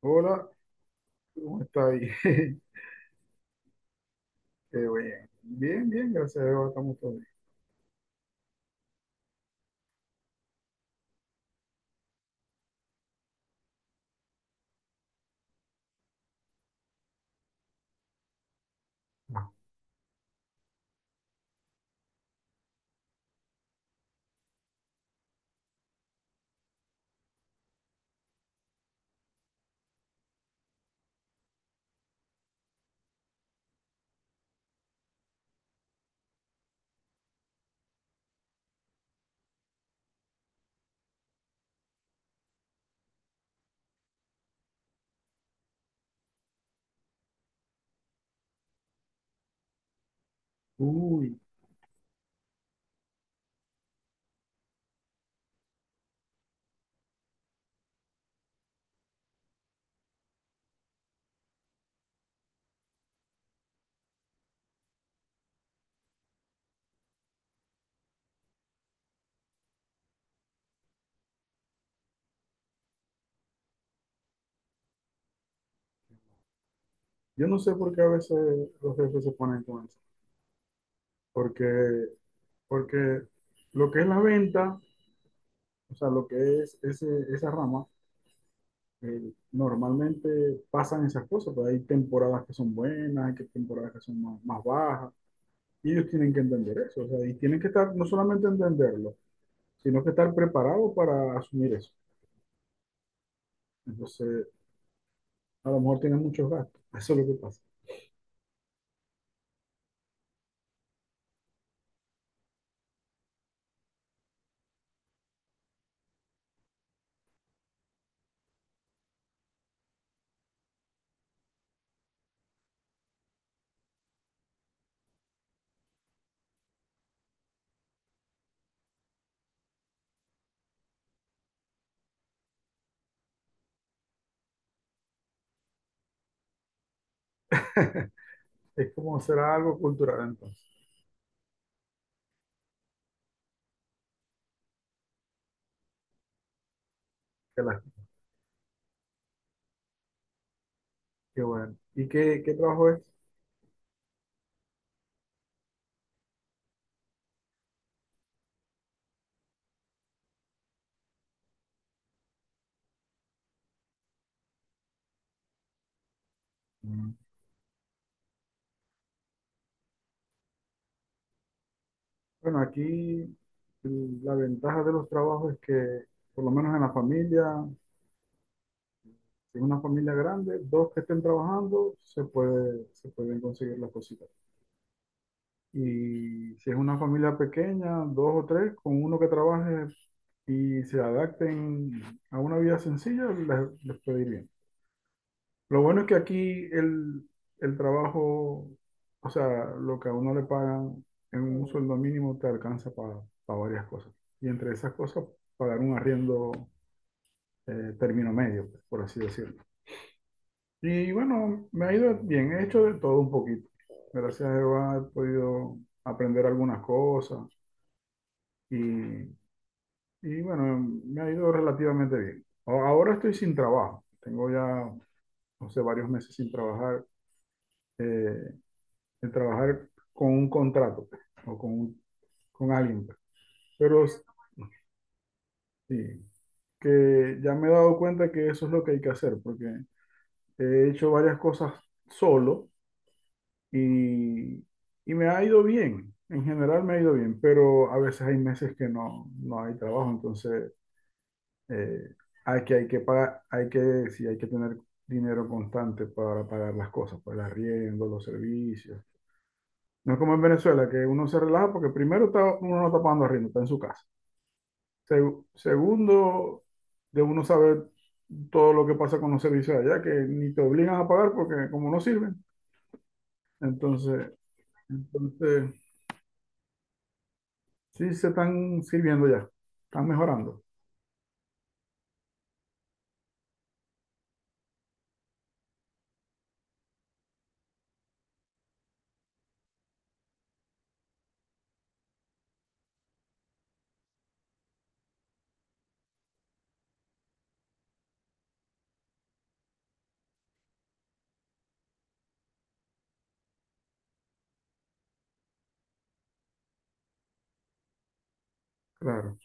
Hola, ¿cómo está ahí? Qué bien. Bien, gracias a Dios, estamos todos bien. Uy, yo no sé por qué a veces los jefes se ponen con eso. Porque, porque lo que es la venta, o sea, lo que es ese, esa rama, normalmente pasan esas cosas, pero hay temporadas que son buenas, temporadas que son más, más bajas, y ellos tienen que entender eso, o sea, y tienen que estar, no solamente entenderlo, sino que estar preparados para asumir eso. Entonces, a lo mejor tienen muchos gastos, eso es lo que pasa. Es como será algo cultural entonces. Que la- qué bueno. ¿Y qué trabajo es? Mm. Bueno, aquí la ventaja de los trabajos es que, por lo menos en la familia, si es una familia grande, dos que estén trabajando, se pueden conseguir las cositas. Y si es una familia pequeña, dos o tres, con uno que trabaje y se adapten a una vida sencilla, les puede ir bien. Lo bueno es que el trabajo, o sea, lo que a uno le pagan en un sueldo mínimo te alcanza para varias cosas. Y entre esas cosas, pagar un arriendo, término medio, pues, por así decirlo. Y bueno, me ha ido bien, he hecho de todo un poquito. Gracias a Jehová he podido aprender algunas cosas y, y bueno, me ha ido relativamente bien. Ahora estoy sin trabajo, tengo ya, no sé, varios meses sin trabajar. Eh, de trabajar con un contrato o con, con alguien. Pero sí, que ya me he dado cuenta que eso es lo que hay que hacer, porque he hecho varias cosas solo y, y me ha ido bien. En general me ha ido bien, pero a veces hay meses que no hay trabajo, entonces eh, hay que pagar, sí, hay que tener dinero constante para pagar las cosas, para el arriendo, los servicios. No es como en Venezuela, que uno se relaja porque uno no está pagando arriendo, está en su casa. Segundo, de uno saber todo lo que pasa con los servicios allá, que ni te obligan a pagar porque como no sirven, entonces, entonces sí se están sirviendo ya, están mejorando, claro,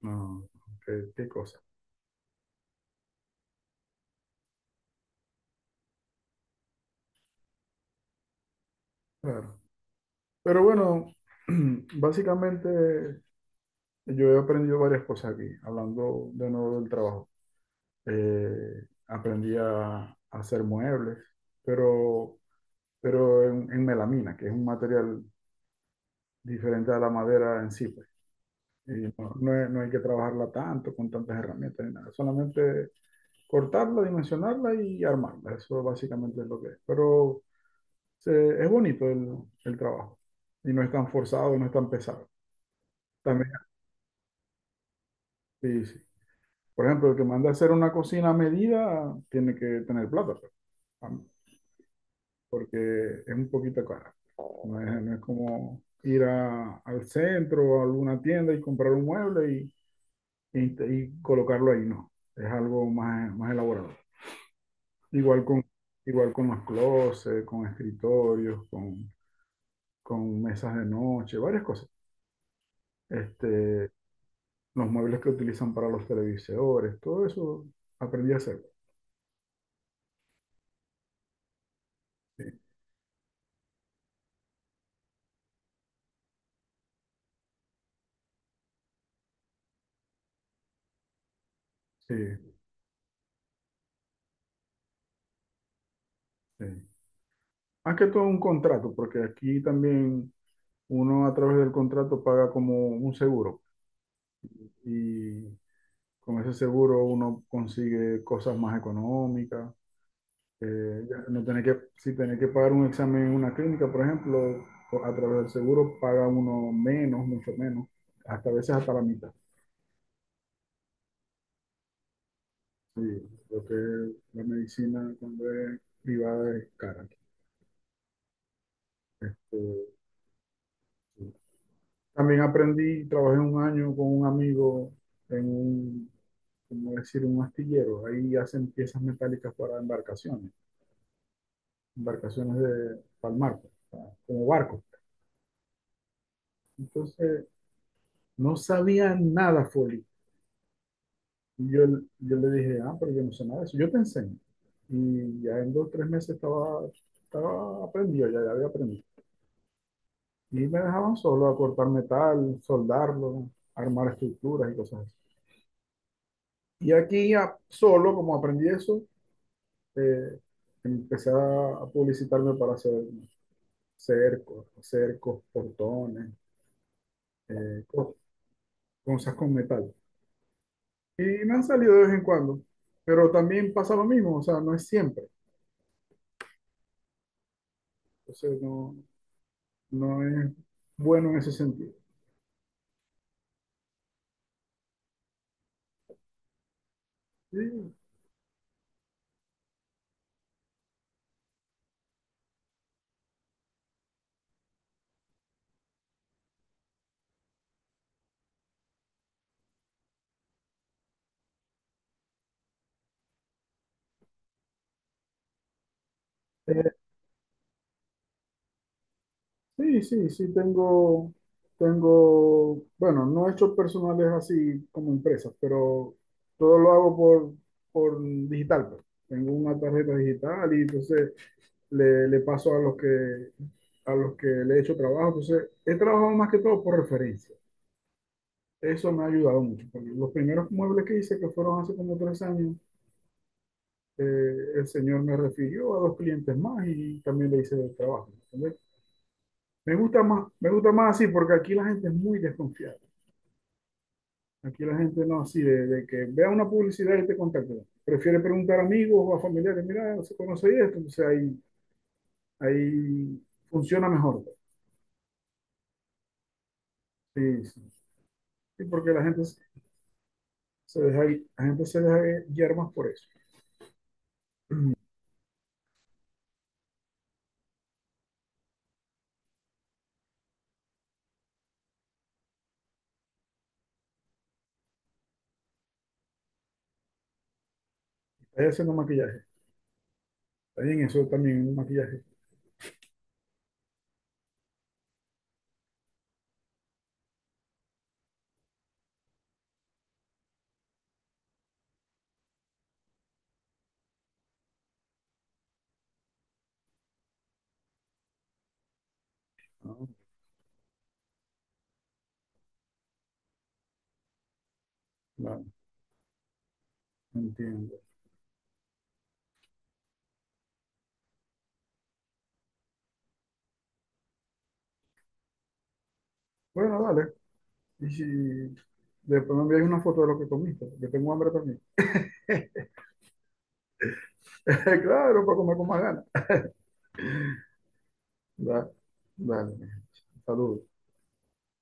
no, qué cosa, claro. Pero bueno, básicamente yo he aprendido varias cosas aquí, hablando de nuevo del trabajo. A hacer muebles, pero, pero en melamina, que es un material diferente a la madera en sí, pues. Y no, no hay que trabajarla tanto con tantas herramientas ni nada. Solamente cortarla, dimensionarla y armarla. Eso básicamente es lo que es. Pero es bonito el trabajo. Y no es tan forzado, no es tan pesado. También, sí, sí. Por ejemplo, el que manda a hacer una cocina a medida tiene que tener plata, pues, am- porque es un poquito cara. No es como ir al centro o a alguna tienda y comprar un mueble y colocarlo ahí, no. Es algo más, más elaborado. Igual con, igual con los closets, con escritorios, con mesas de noche, varias cosas. Este, los muebles que utilizan para los televisores, todo eso aprendí a hacer. Sí, sí. Más que todo un contrato, porque aquí también uno a través del contrato paga como un seguro y con ese seguro uno consigue cosas más económicas, ya no tener que, si tener que pagar un examen en una clínica, por ejemplo, o a través del seguro paga uno menos, mucho menos, hasta a veces hasta la mitad. Sí, creo que la medicina cuando es privada es cara. Eh, sí. También aprendí, trabajé un año con un amigo en un, como decir, un astillero. Ahí hacen piezas metálicas para embarcaciones, embarcaciones de, para el mar, pues, para- como barcos. Entonces, no sabía nada, Foli. Y yo le dije, ah, pero yo no sé nada de eso, yo te enseño. Y ya en dos o tres meses estaba, estaba aprendido, ya, ya había aprendido. Y me dejaban solo a cortar metal, soldarlo, armar estructuras y cosas así. Y aquí ya solo, como aprendí eso, eh, empecé a publicitarme para hacer cercos, cercos, portones, eh, co- cosas con metal. Y me han salido de vez en cuando, pero también pasa lo mismo, o sea, no es siempre. Entonces, no, no es bueno en ese sentido. Sí, eh, sí, tengo, bueno, no he hecho personales así como empresas, pero todo lo hago por digital, pues. Tengo una tarjeta digital y entonces le paso a a los que le he hecho trabajo. Entonces, he trabajado más que todo por referencia. Eso me ha ayudado mucho, porque los primeros muebles que hice, que fueron hace como tres años, eh, el señor me refirió a dos clientes más y también le hice el trabajo. ¿Entendés? Me gusta más así porque aquí la gente es muy desconfiada. Aquí la gente no así de que vea una publicidad y te contacta. Prefiere preguntar a amigos o a familiares, mira, se conoce esto, ahí funciona mejor. Sí, sí. Sí, porque la gente se deja, la gente se deja guiar más por eso. Está haciendo maquillaje. También eso también un maquillaje. No, no, no entiendo. Bueno, dale. Y si después me enviáis una foto de lo que comiste, yo tengo hambre también. Claro, para comer con más ganas. Da- Dale, mi gente. Saludos.